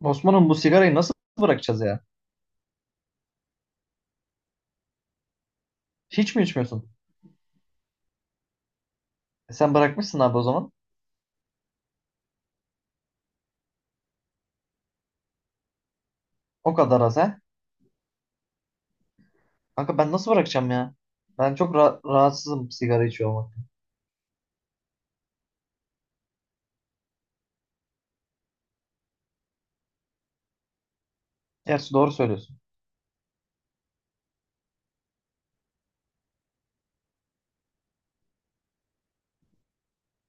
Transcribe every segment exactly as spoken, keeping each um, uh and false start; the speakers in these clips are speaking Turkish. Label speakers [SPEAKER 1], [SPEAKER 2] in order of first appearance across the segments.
[SPEAKER 1] Osman'ım bu sigarayı nasıl bırakacağız ya? Hiç mi içmiyorsun? E sen bırakmışsın abi o zaman. O kadar az ha. Kanka ben nasıl bırakacağım ya? Ben çok ra- rahatsızım sigara içiyor olmaktan. Gerçi doğru söylüyorsun.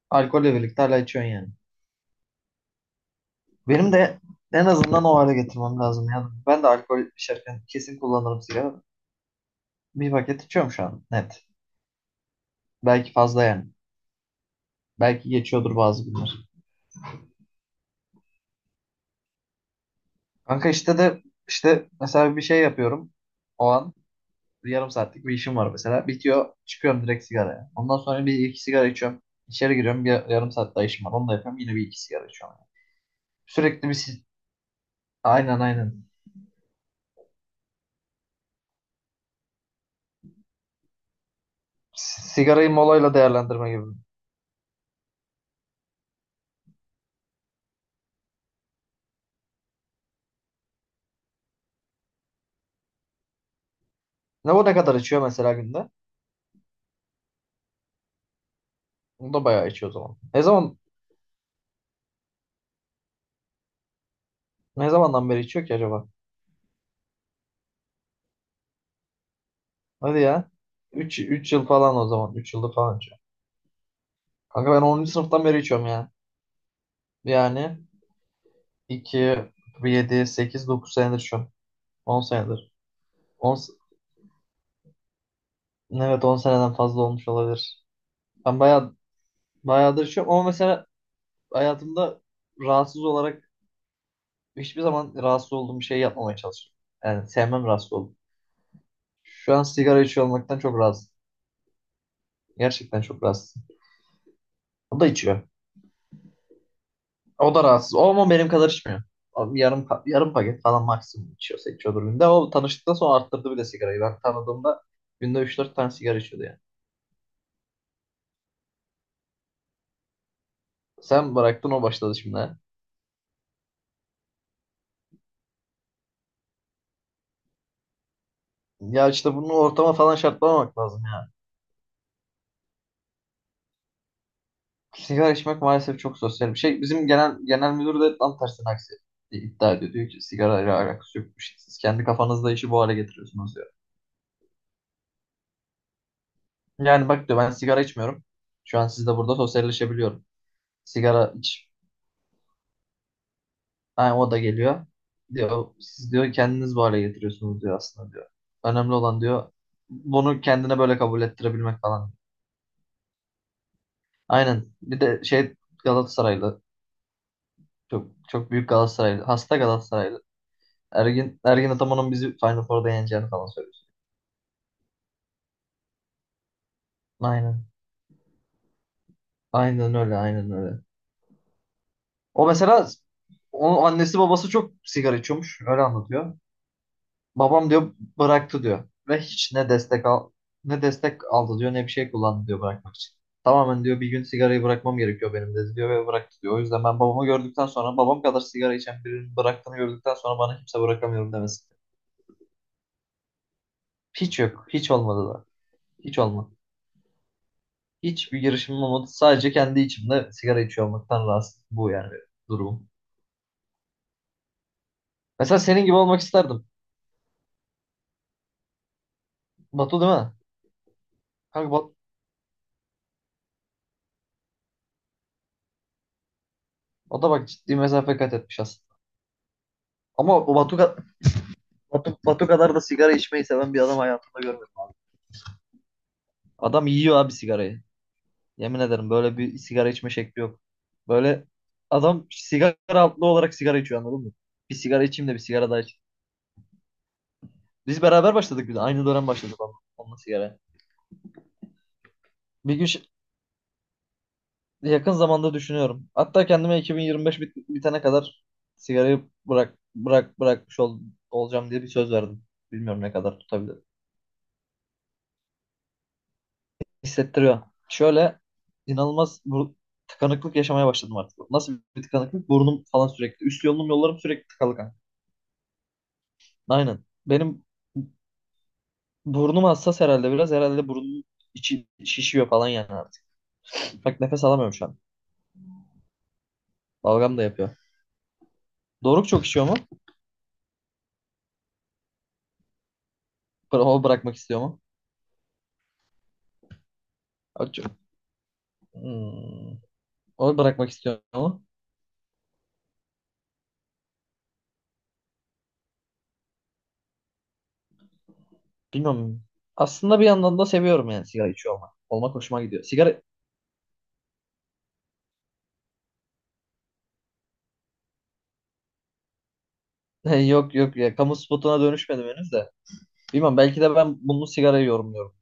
[SPEAKER 1] Alkolle birlikte hala içiyorsun yani. Benim de en azından o hale getirmem lazım ya. Ben de alkol içerken kesin kullanırım sigara. Bir paket içiyorum şu an net. Belki fazla yani. Belki geçiyordur bazı günler. Kanka işte de işte mesela bir şey yapıyorum o an. Yarım saatlik bir işim var mesela. Bitiyor çıkıyorum direkt sigaraya. Ondan sonra bir iki sigara içiyorum. İçeri giriyorum, bir yarım saat daha işim var. Onu da yapıyorum, yine bir iki sigara içiyorum. Sürekli bir si- aynen, aynen. S- Sigarayı molayla değerlendirme gibi. Ne, bu ne kadar içiyor mesela günde? O da bayağı içiyor o zaman. Ne zaman ne zamandan beri içiyor ki acaba? Hadi ya. 3 3 yıl falan o zaman. üç yıldır falan içiyor. Kanka ben onuncu sınıftan beri içiyorum ya. Yani iki yedi sekiz dokuz senedir içiyorum. on senedir. on, evet, on seneden fazla olmuş olabilir. Ben bayağı Bayağıdır içiyorum ama mesela hayatımda rahatsız olarak hiçbir zaman rahatsız olduğum bir şey yapmamaya çalışıyorum. Yani sevmem, rahatsız oldum. Şu an sigara içiyor olmaktan çok rahatsız. Gerçekten çok rahatsız. O da içiyor. O da rahatsız. O ama benim kadar içmiyor. Abi yarım pa- yarım paket falan maksimum içiyorsa içiyordur günde. O, tanıştıktan sonra arttırdı bile sigarayı. Ben tanıdığımda günde üç dört tane sigara içiyordu yani. Sen bıraktın, o başladı şimdi, ha. Ya işte bunu ortama falan şartlamamak lazım. Sigara içmek maalesef çok sosyal bir şey. Bizim genel genel müdür de tam tersine aksi iddia ediyor. Diyor ki sigara ile alakası yok bir şey. Siz kendi kafanızda işi bu hale getiriyorsunuz, diyor. Yani bak, diyor, ben sigara içmiyorum. Şu an sizle burada sosyalleşebiliyorum. Sigara iç. Yani o da geliyor. Diyor siz, diyor, kendiniz bu hale getiriyorsunuz diyor aslında, diyor. Önemli olan, diyor, bunu kendine böyle kabul ettirebilmek falan. Aynen. Bir de şey, Galatasaraylı, çok çok büyük Galatasaraylı. Hasta Galatasaraylı. Ergin, Ergin Ataman'ın bizi Final Four'da yeneceğini falan söylüyor. Aynen. Aynen öyle, aynen öyle. O mesela, onun annesi babası çok sigara içiyormuş. Öyle anlatıyor. Babam, diyor, bıraktı, diyor. Ve hiç ne destek al ne destek aldı, diyor, ne bir şey kullandı, diyor, bırakmak için. Tamamen, diyor, bir gün sigarayı bırakmam gerekiyor benim, dedi, diyor, ve bıraktı, diyor. O yüzden ben babamı gördükten sonra, babam kadar sigara içen birinin bıraktığını gördükten sonra bana kimse bırakamıyorum demesi. Hiç yok. Hiç olmadı da. Hiç olmadı. Hiçbir girişimim olmadı. Sadece kendi içimde sigara içiyor olmaktan rahatsız. Bu yani benim durumum. Mesela senin gibi olmak isterdim. Batu değil mi? Kanka Batu, o da bak ciddi mesafe kat etmiş aslında. Ama o Batu, ka- Batu, Batu kadar da sigara içmeyi seven bir adam hayatımda görmedim. Adam yiyor abi sigarayı. Yemin ederim, böyle bir sigara içme şekli yok. Böyle adam sigara altlı olarak sigara içiyor, anladın mı? Bir sigara içeyim, de bir sigara daha içeyim. Biz beraber başladık bir de. Aynı dönem başladık onunla, onunla sigara. Bir gün ş- Yakın zamanda düşünüyorum. Hatta kendime iki bin yirmi beş bit bitene kadar sigarayı bırak bırak bırakmış ol olacağım diye bir söz verdim. Bilmiyorum ne kadar tutabilirim. Hissettiriyor. Şöyle, inanılmaz bu tıkanıklık yaşamaya başladım artık. Nasıl bir tıkanıklık? Burnum falan sürekli. Üst yolum Yollarım sürekli tıkalı kanka. Aynen. Benim burnum hassas herhalde biraz. Herhalde burnum içi şişiyor falan yani artık. Bak nefes alamıyorum şu an. Balgam da yapıyor. Doruk çok içiyor mu? Bıra- O bırakmak istiyor mu? O çok... Hmm. Onu bırakmak istiyorum ama bilmiyorum. Aslında bir yandan da seviyorum yani sigara içiyor olmak. Olmak hoşuma gidiyor. Sigara yok yok ya, kamu spotuna dönüşmedim henüz de. Bilmiyorum, belki de ben bunu sigarayı yorumluyorum.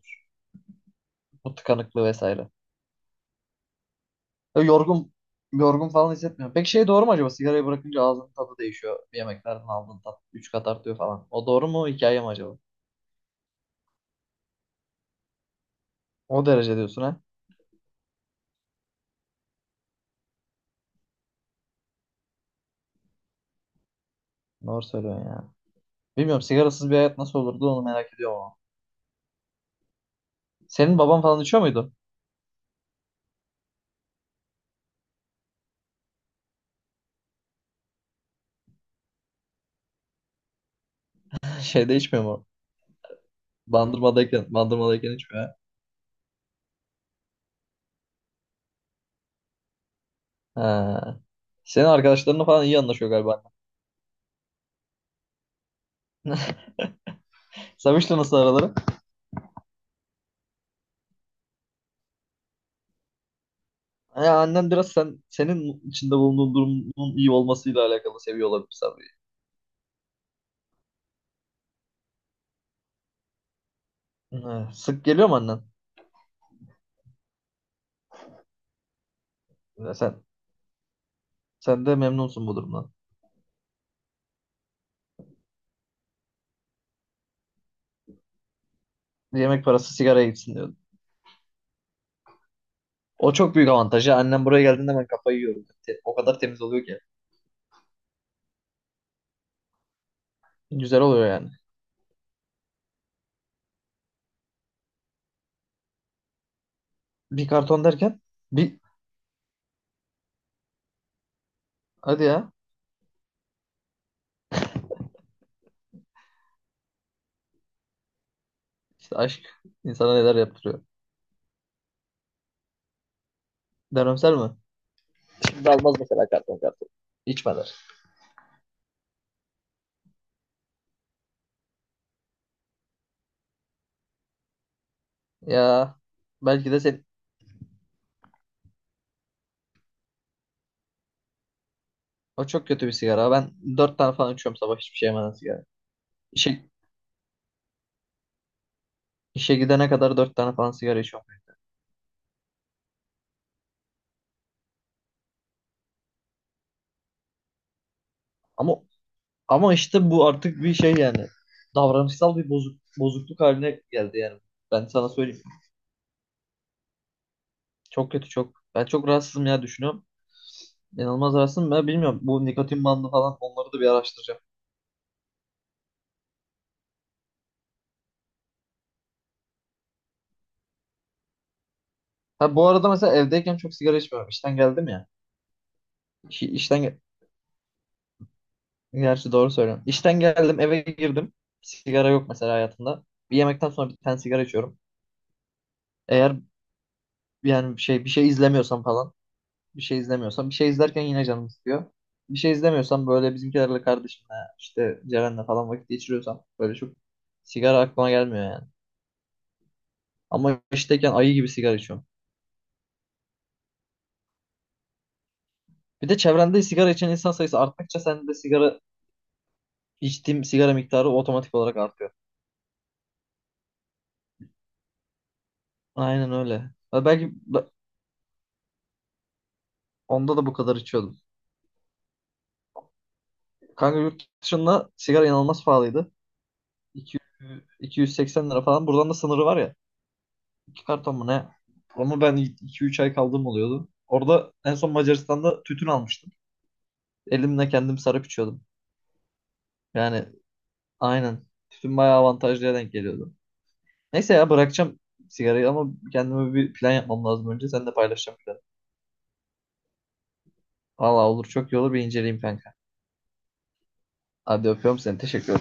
[SPEAKER 1] Bu tıkanıklığı vesaire. Ya yorgun Yorgun falan hissetmiyorum. Peki şey, doğru mu acaba, sigarayı bırakınca ağzının tadı değişiyor. Yemeklerden aldığın tat üç kat artıyor falan. O doğru mu, hikaye mi acaba? O derece diyorsun ha? Doğru söylüyorsun ya. Bilmiyorum, sigarasız bir hayat nasıl olurdu, onu merak ediyorum ama. Senin baban falan içiyor muydu? Şeyde içmiyor mu? Bandırmadayken, bandırmadayken içmiyor. Ha. Senin arkadaşlarınla falan iyi anlaşıyor galiba, annen. Samış'la nasıl araları? Ya annen biraz sen senin içinde bulunduğun durumun iyi olmasıyla alakalı seviyor olabilir Sabri. Ha. Sık geliyor mu annen? Ya sen Sen de memnunsun bu durumdan. Yemek parası sigaraya gitsin diyordun. O çok büyük avantajı. Annem buraya geldiğinde ben kafayı yiyorum. Te- O kadar temiz oluyor ki. Güzel oluyor yani. Bir karton derken bir hadi ya. İşte aşk insana neler yaptırıyor. Dönemsel mi? Şimdi almaz mesela karton karton. İçmeler. Ya belki de sen O çok kötü bir sigara. Ben dört tane falan içiyorum sabah, hiçbir şey yemeden sigara. İşe, işe gidene kadar dört tane falan sigara içiyorum. Ama ama işte bu artık bir şey yani. Davranışsal bir bozuk, bozukluk haline geldi yani. Ben sana söyleyeyim. Çok kötü, çok. Ben çok rahatsızım ya, düşünüyorum. İnanılmaz rahatsızım. Ben bilmiyorum. Bu nikotin bandı falan, onları da bir araştıracağım. Ha, bu arada mesela evdeyken çok sigara içmiyorum. İşten geldim ya. İş, işten ge- Gerçi doğru söylüyorum. İşten geldim, eve girdim. Sigara yok mesela hayatımda. Bir yemekten sonra bir tane sigara içiyorum. Eğer Yani bir şey bir şey izlemiyorsam falan. Bir şey izlemiyorsam. Bir şey izlerken yine canım istiyor. Bir şey izlemiyorsam böyle bizimkilerle, kardeşimle, işte Ceren'le falan vakit geçiriyorsam, böyle çok sigara aklıma gelmiyor yani. Ama işteyken ayı gibi sigara içiyorum. Bir de çevrende sigara içen insan sayısı arttıkça sen de sigara içtiğim sigara miktarı otomatik olarak artıyor. Aynen öyle. Ve Belki be- onda da bu kadar içiyordum. Kanka yurt dışında sigara inanılmaz pahalıydı. 200 280 lira falan. Buradan da sınırı var ya, iki karton mu ne? Ama ben iki üç ay kaldığım oluyordu. Orada en son Macaristan'da tütün almıştım. Elimle kendim sarıp içiyordum. Yani aynen. Tütün bayağı avantajlıya denk geliyordu. Neyse ya, bırakacağım sigarayı ama kendime bir plan yapmam lazım önce. Sen de paylaşacağım planı. Valla olur, çok iyi olur, bir inceleyeyim kanka. Hadi öpüyorum seni. Teşekkür